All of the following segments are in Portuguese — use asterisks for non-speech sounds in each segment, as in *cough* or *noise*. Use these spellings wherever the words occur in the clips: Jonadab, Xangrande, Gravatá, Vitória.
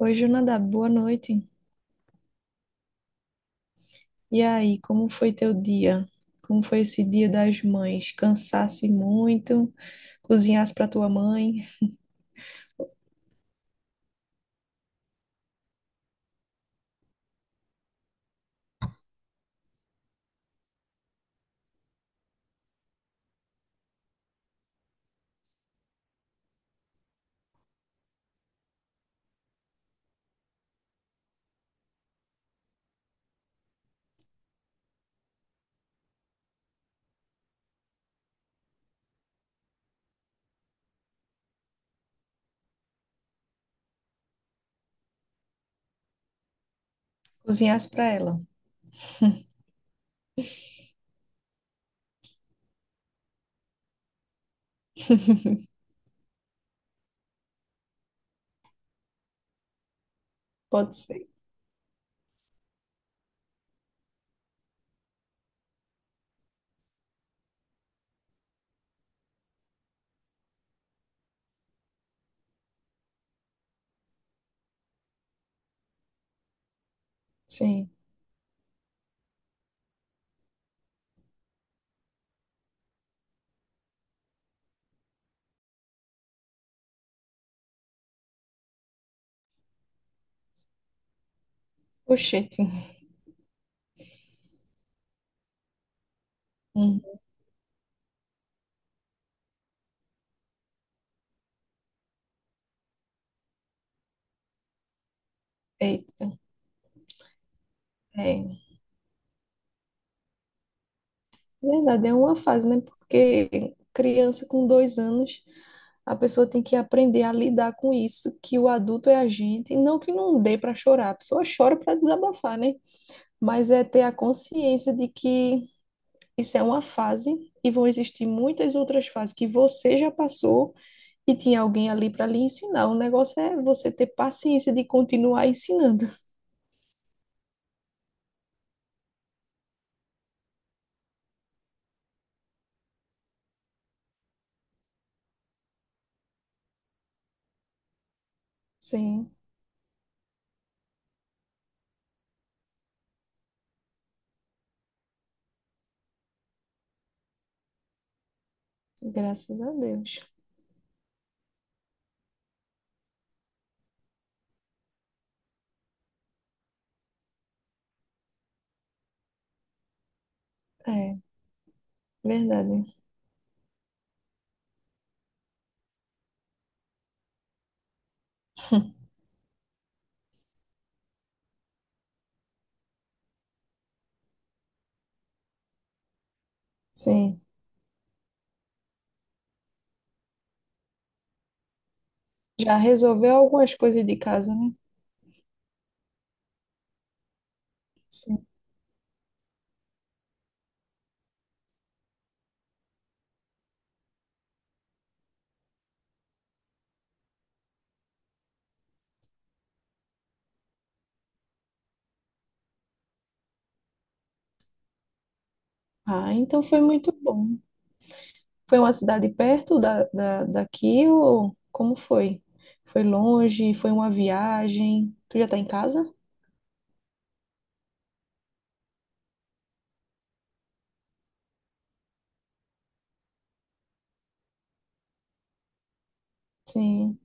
Oi, Jonadab, boa noite. E aí, como foi teu dia? Como foi esse dia das mães? Cansasse muito? Cozinhasse para tua mãe? Cozinhasse para ela? *laughs* Pode ser. Sim. Oxente. Hum. Eita. É. Verdade, é uma fase, né? Porque criança com dois anos, a pessoa tem que aprender a lidar com isso, que o adulto é a gente. Não que não dê para chorar, a pessoa chora para desabafar, né? Mas é ter a consciência de que. Isso é uma fase e vão existir muitas outras fases que você já passou e tinha alguém ali para lhe ensinar. O negócio é você ter paciência de continuar ensinando. Sim, graças a Deus. É, verdade. *laughs* Sim. Já resolveu algumas coisas de casa, né? Sim. Ah, então foi muito bom. Foi uma cidade perto daqui ou como foi? Foi longe? Foi uma viagem? Tu já tá em casa? Sim.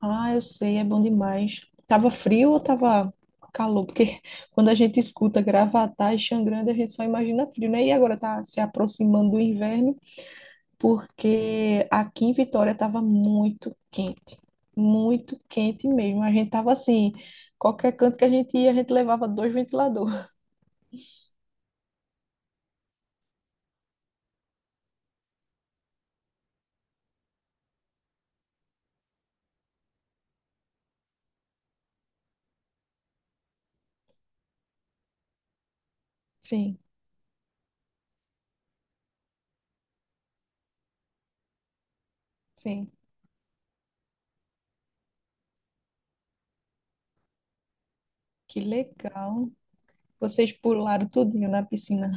Ah, eu sei, é bom demais. Tava frio ou tava calor? Porque *laughs* quando a gente escuta Gravatá e Xangrande, a gente só imagina frio, né? E agora tá se aproximando do inverno, porque aqui em Vitória tava muito quente mesmo. A gente tava assim, qualquer canto que a gente ia, a gente levava dois ventiladores. *laughs* Sim, sim. Que legal. Vocês pularam tudinho na piscina.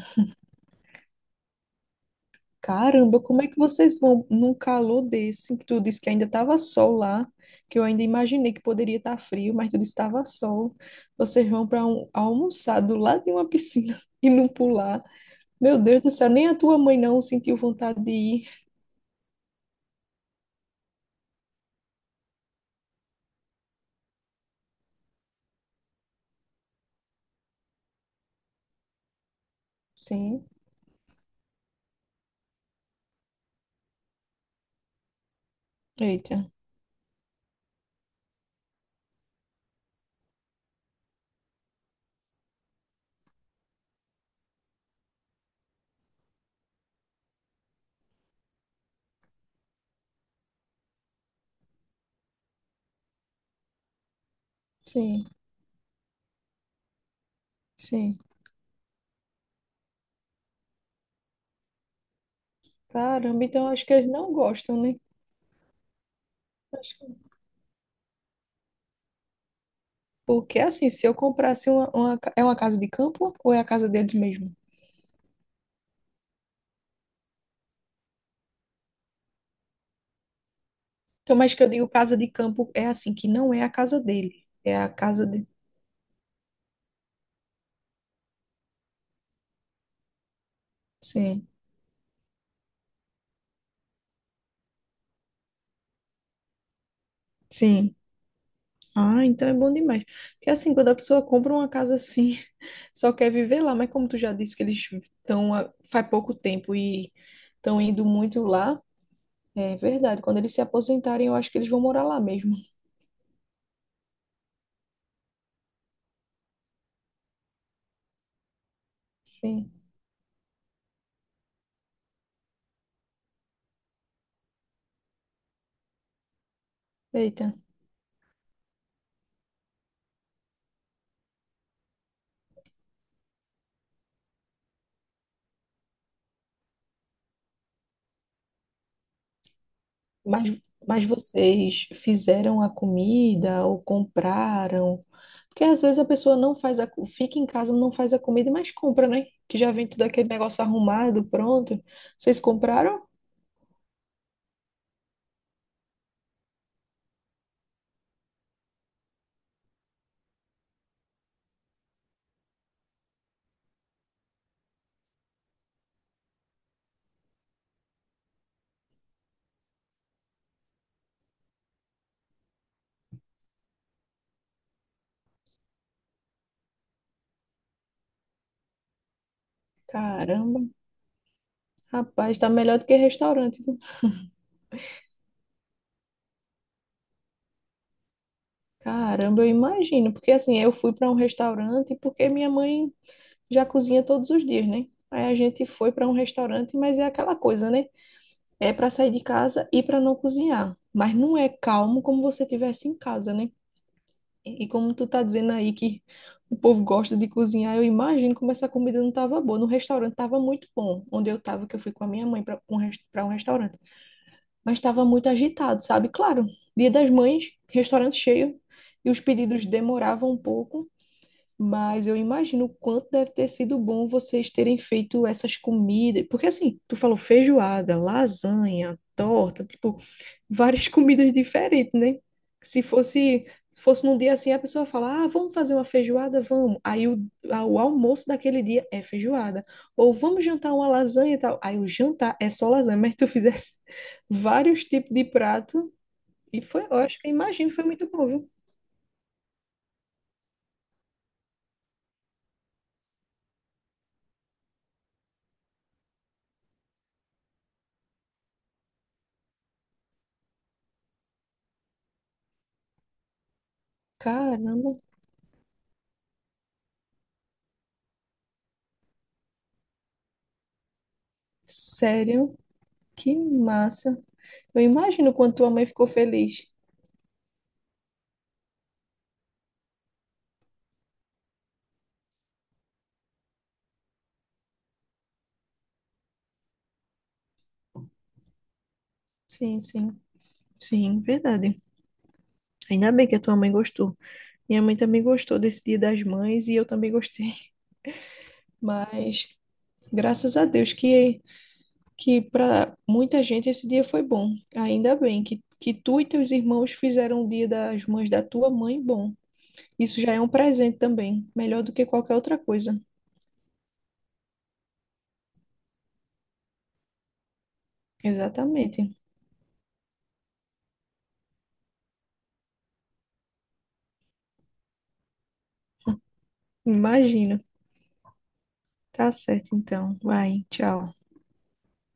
Caramba, como é que vocês vão num calor desse, que tu disse que ainda estava sol lá, que eu ainda imaginei que poderia estar frio, mas tu disse que estava sol. Vocês vão para um, almoçar do lado de uma piscina *laughs* e não pular. Meu Deus do céu, nem a tua mãe não sentiu vontade de ir. Sim, eita, sim, sim. Caramba, então acho que eles não gostam, né? Acho que... Porque assim, se eu comprasse uma ca- é uma casa de campo ou é a casa deles mesmo? Então, mas que eu digo casa de campo é assim, que não é a casa dele, é a casa de... Sim, sim. Ah, então é bom demais. Porque assim, quando a pessoa compra uma casa assim, *laughs* só quer viver lá, mas como tu já disse que eles estão há- faz pouco tempo e estão indo muito lá, é verdade. Quando eles se aposentarem, eu acho que eles vão morar lá mesmo. Sim. Eita. Mas, mas vocês fizeram a comida ou compraram? Porque às vezes a pessoa não faz a, co- fica em casa, não faz a comida, mas compra, né? Que já vem tudo aquele negócio arrumado, pronto. Vocês compraram? Caramba, rapaz, tá melhor do que restaurante, viu? Caramba, eu imagino, porque assim, eu fui para um restaurante porque minha mãe já cozinha todos os dias, né? Aí a gente foi para um restaurante, mas é aquela coisa, né? É para sair de casa e para não cozinhar, mas não é calmo como você tivesse em casa, né? E como tu tá dizendo aí que o povo gosta de cozinhar, eu imagino como essa comida não tava boa. No restaurante tava muito bom, onde eu tava, que eu fui com a minha mãe para um, res- pra um restaurante. Mas tava muito agitado, sabe? Claro, Dia das Mães, restaurante cheio, e os pedidos demoravam um pouco. Mas eu imagino o quanto deve ter sido bom vocês terem feito essas comidas. Porque assim, tu falou feijoada, lasanha, torta, tipo, várias *laughs* comidas diferentes, né? Se fosse, se fosse num dia assim, a pessoa fala, ah, vamos fazer uma feijoada, vamos. Aí a- o almoço daquele dia é feijoada. Ou vamos jantar uma lasanha e tal. Aí o jantar é só lasanha, mas tu fizesse *laughs* vários tipos de prato. E foi, eu acho que eu imagino, que foi muito bom, viu? Caramba, sério. Que massa. Eu imagino quanto tua mãe ficou feliz. Sim, sim, sim, verdade. Ainda bem que a tua mãe gostou. Minha mãe também gostou desse Dia das Mães e eu também gostei. *laughs* Mas graças a Deus que para muita gente esse dia foi bom. Ainda bem que tu e teus irmãos fizeram o Dia das Mães da tua mãe bom. Isso já é um presente também, melhor do que qualquer outra coisa. Exatamente. Imagino. Tá certo então. Vai, tchau.